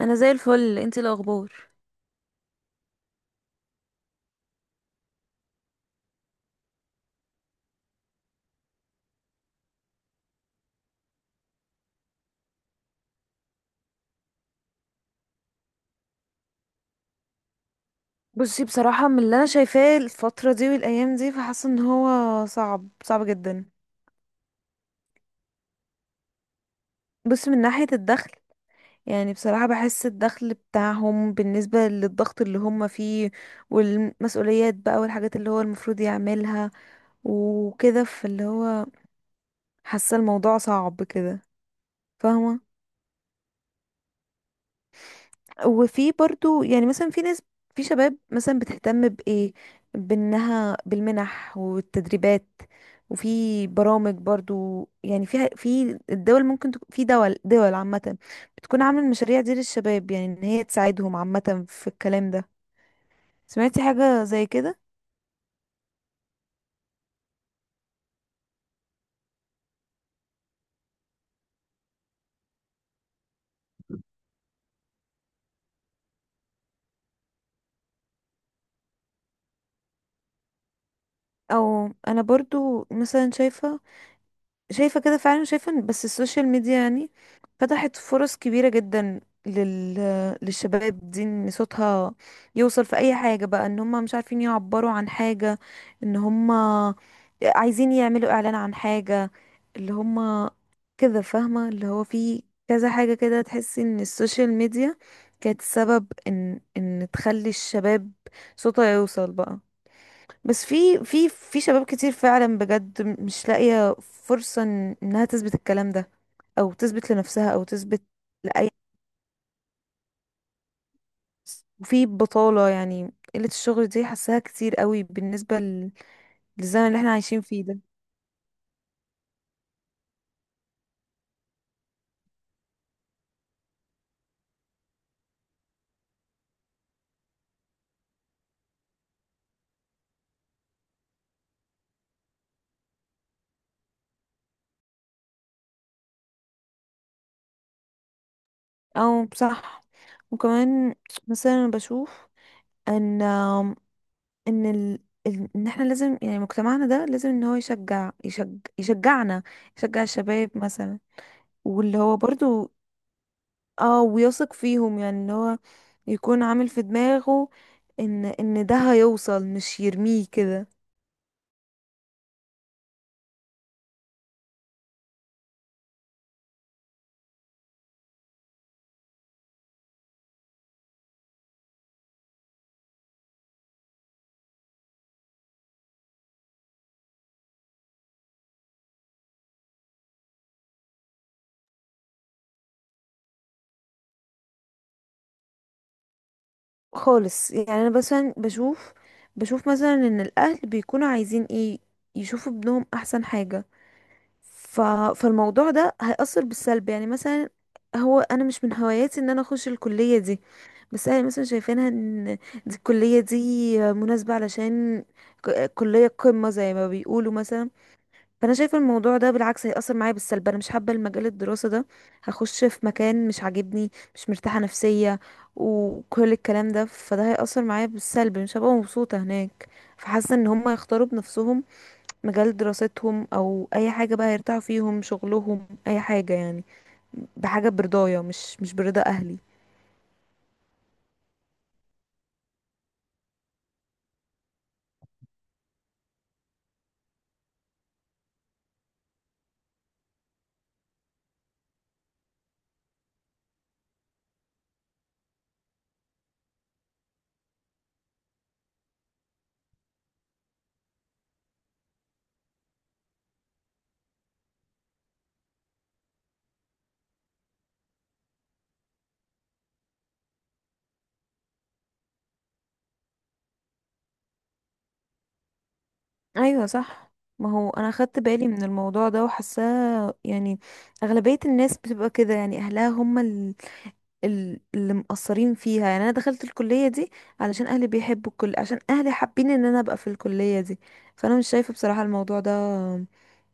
انا زي الفل. انتي الاخبار؟ بصي، بصراحة من اللي انا شايفاه الفترة دي والايام دي فحاسة ان هو صعب صعب جدا. بصي، من ناحية الدخل. يعني بصراحة بحس الدخل بتاعهم بالنسبة للضغط اللي هم فيه والمسؤوليات بقى والحاجات اللي هو المفروض يعملها وكده فاللي هو حاسة الموضوع صعب كده. فاهمة؟ وفي برضو يعني مثلا في ناس، في شباب مثلا بتهتم بإيه، بأنها بالمنح والتدريبات. وفي برامج برضو يعني فيها، في الدول ممكن تكون في دول عامة بتكون عاملة المشاريع دي للشباب، يعني ان هي تساعدهم عامة في الكلام ده. سمعتي حاجة زي كده؟ او انا برضو مثلا شايفة كده فعلا. شايفة بس السوشيال ميديا يعني فتحت فرص كبيرة جدا للشباب دي ان صوتها يوصل في اي حاجة بقى، ان هم مش عارفين يعبروا عن حاجة، ان هم عايزين يعملوا اعلان عن حاجة اللي هم كده. فاهمة اللي هو في كذا حاجة كده، تحسي ان السوشيال ميديا كانت سبب ان تخلي الشباب صوتها يوصل بقى. بس في في شباب كتير فعلا بجد مش لاقية فرصة انها تثبت الكلام ده او تثبت لنفسها او تثبت لأي. وفي بطالة، يعني قلة الشغل دي حاساها كتير قوي بالنسبة للزمن اللي احنا عايشين فيه ده. او صح. وكمان مثلا أنا بشوف ان ان ال... ان احنا لازم، يعني مجتمعنا ده لازم ان هو يشجع، يشجعنا، يشجع الشباب مثلا. واللي هو برضو، اه، ويثق فيهم يعني اللي هو يكون عامل في دماغه ان ده هيوصل مش يرميه كده خالص. يعني انا مثلا بشوف، مثلا ان الاهل بيكونوا عايزين ايه، يشوفوا ابنهم احسن حاجة. ف... فالموضوع ده هيأثر بالسلب، يعني مثلا هو انا مش من هواياتي ان انا اخش الكلية دي، بس انا مثلا شايفينها ان دي الكلية دي مناسبة، علشان كلية قمة زي ما بيقولوا مثلا. فانا شايفه الموضوع ده بالعكس هيأثر معايا بالسلب، انا مش حابه المجال الدراسه ده، هخش في مكان مش عاجبني، مش مرتاحه نفسيه وكل الكلام ده، فده هيأثر معايا بالسلب، مش هبقى مبسوطه هناك. فحاسه ان هم يختاروا بنفسهم مجال دراستهم او اي حاجه بقى يرتاحوا فيهم، شغلهم اي حاجه يعني بحاجه برضايا، مش برضا اهلي. ايوه صح. ما هو انا خدت بالي من الموضوع ده وحاساه يعني. اغلبيه الناس بتبقى كده، يعني اهلها هم اللي مقصرين فيها. يعني انا دخلت الكليه دي علشان اهلي بيحبوا الكل، عشان اهلي حابين ان انا ابقى في الكليه دي. فانا مش شايفه بصراحه الموضوع ده،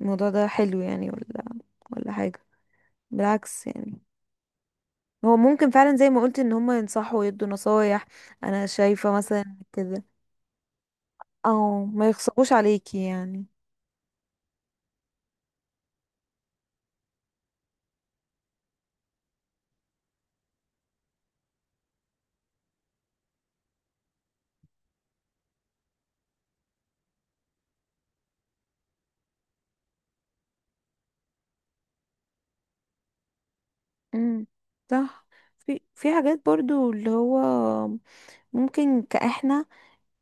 الموضوع ده حلو يعني، ولا حاجه. بالعكس يعني. هو ممكن فعلا زي ما قلت ان هم ينصحوا ويدوا نصايح، انا شايفه مثلا كده، او ما يخصقوش عليكي يعني. امم، صح. في حاجات برضو اللي هو ممكن كاحنا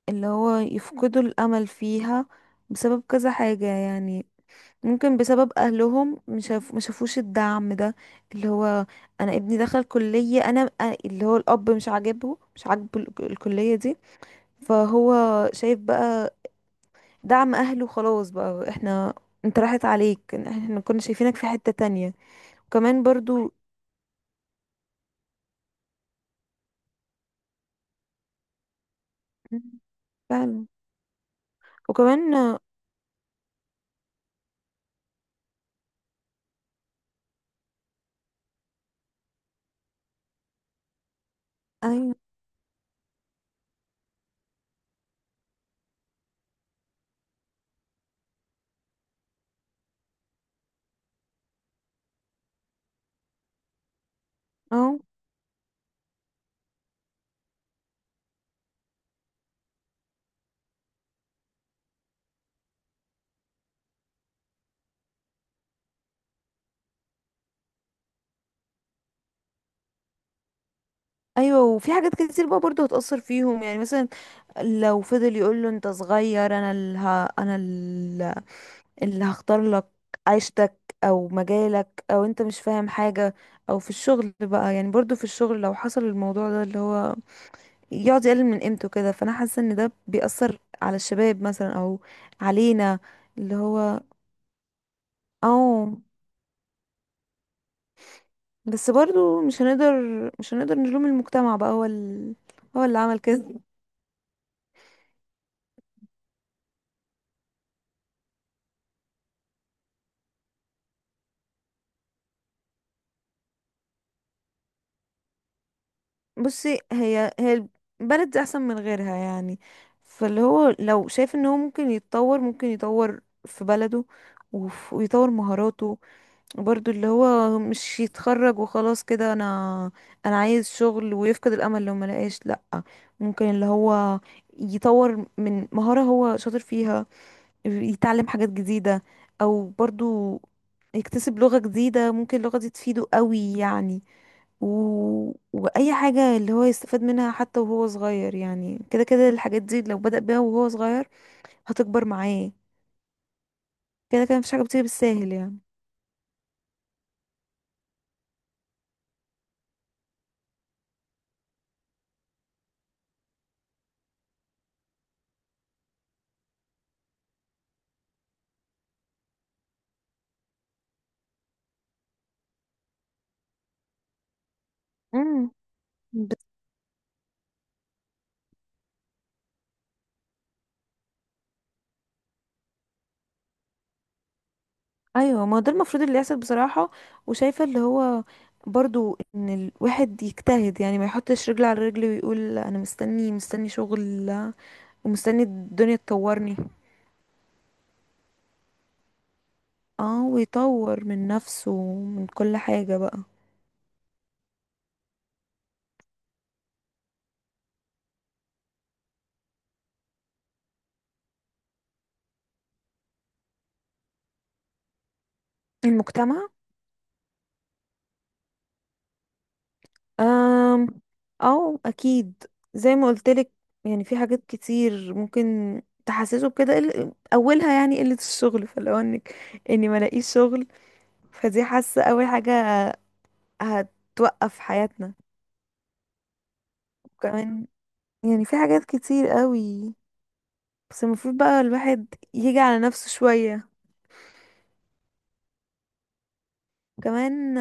اللي هو يفقدوا الأمل فيها بسبب كذا حاجة يعني، ممكن بسبب أهلهم، مشافوش الدعم ده. اللي هو أنا ابني دخل كلية، اللي هو الأب مش عاجبه الكلية دي. فهو شايف بقى دعم أهله خلاص بقى، احنا، انت راحت عليك، احنا كنا شايفينك في حتة تانية. وكمان برضو فعلا. وكمان، ايوه، اه. ايوه، وفي حاجات كتير بقى برضو هتأثر فيهم، يعني مثلا لو فضل يقول له انت صغير، انا اللي ه... انا ال- اللي هختار لك عيشتك او مجالك، او انت مش فاهم حاجة. او في الشغل بقى، يعني برضو في الشغل لو حصل الموضوع ده اللي هو يقعد يقلل من قيمته كده، فانا حاسة ان ده بيأثر على الشباب مثلا او علينا اللي هو. او بس برضو مش هنقدر نلوم المجتمع بقى، هو هو اللي عمل كده. بصي، هي البلد دي احسن من غيرها يعني. فاللي هو لو شايف ان هو ممكن يتطور، ممكن يطور في بلده ويطور مهاراته. برضو اللي هو مش يتخرج وخلاص كده، انا عايز شغل، ويفقد الامل لو ما لقاش، لا. ممكن اللي هو يطور من مهارة هو شاطر فيها، يتعلم حاجات جديدة، او برضو يكتسب لغة جديدة، ممكن اللغة دي تفيده قوي يعني. و... واي حاجة اللي هو يستفاد منها حتى وهو صغير يعني. كده كده الحاجات دي لو بدأ بيها وهو صغير هتكبر معاه. كده كده مفيش حاجة بتيجي بالساهل يعني. امم، ب... ايوه. ما هو ده المفروض اللي يحصل بصراحة. وشايفة اللي هو برضو ان الواحد يجتهد يعني، ما يحطش رجل على رجل ويقول انا مستني شغل، ومستني الدنيا تطورني. اه، ويطور من نفسه من كل حاجة بقى. المجتمع؟ أم أو أكيد. زي ما قلتلك، يعني في حاجات كتير ممكن تحسسه بكده، أولها يعني قلة الشغل، فلو إنك، إني ملاقيش شغل، فدي حاسة أول حاجة هتوقف حياتنا. وكمان يعني في حاجات كتير قوي، بس المفروض بقى الواحد يجي على نفسه شوية كمان.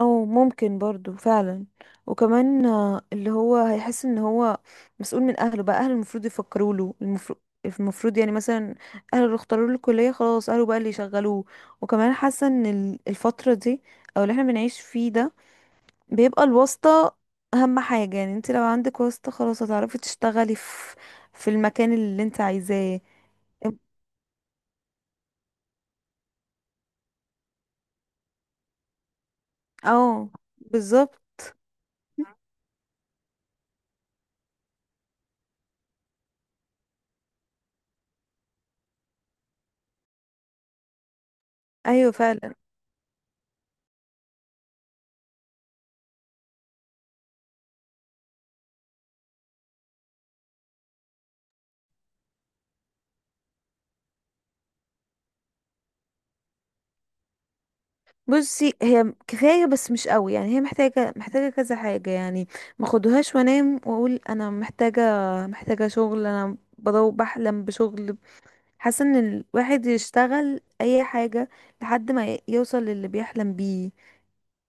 او ممكن برضو فعلا. وكمان اللي هو هيحس ان هو مسؤول من اهله بقى، اهله المفروض يفكروا له، المفروض يعني مثلا اهله اللي اختاروا له الكليه، خلاص اهله بقى اللي يشغلوه. وكمان حاسه ان الفتره دي، او اللي احنا بنعيش فيه ده، بيبقى الواسطه اهم حاجه. يعني انت لو عندك واسطه، خلاص هتعرفي تشتغلي في المكان اللي انت عايزاه. اه، بالظبط. ايوه فعلا. بصي، هي كفايه بس مش قوي يعني، هي محتاجه كذا حاجه يعني. ما خدوهاش وانام واقول انا محتاجه شغل، انا بدور بحلم بشغل. حاسه ان الواحد يشتغل اي حاجه لحد ما يوصل للي بيحلم بيه.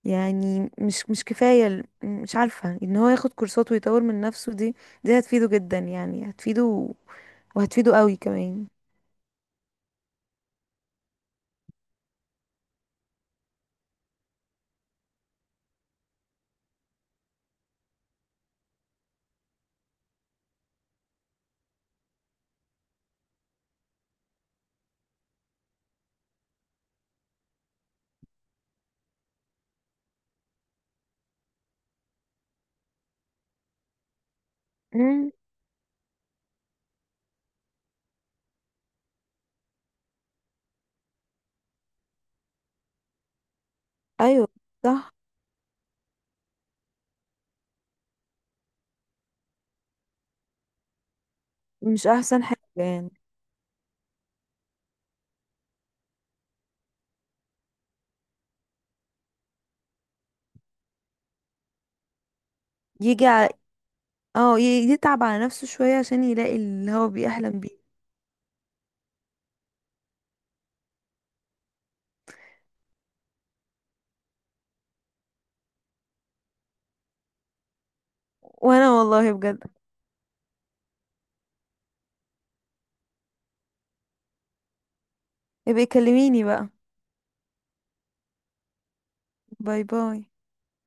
يعني مش كفايه، مش عارفه ان هو ياخد كورسات ويطور من نفسه. دي هتفيده جدا يعني، هتفيده وهتفيده قوي كمان. امم، ايوه صح. مش احسن حاجه يعني. يجي، اه ي- يتعب على نفسه شوية عشان يلاقي اللي هو بيحلم بيه. وانا والله بجد. يبقى كلميني بقى. باي، باي.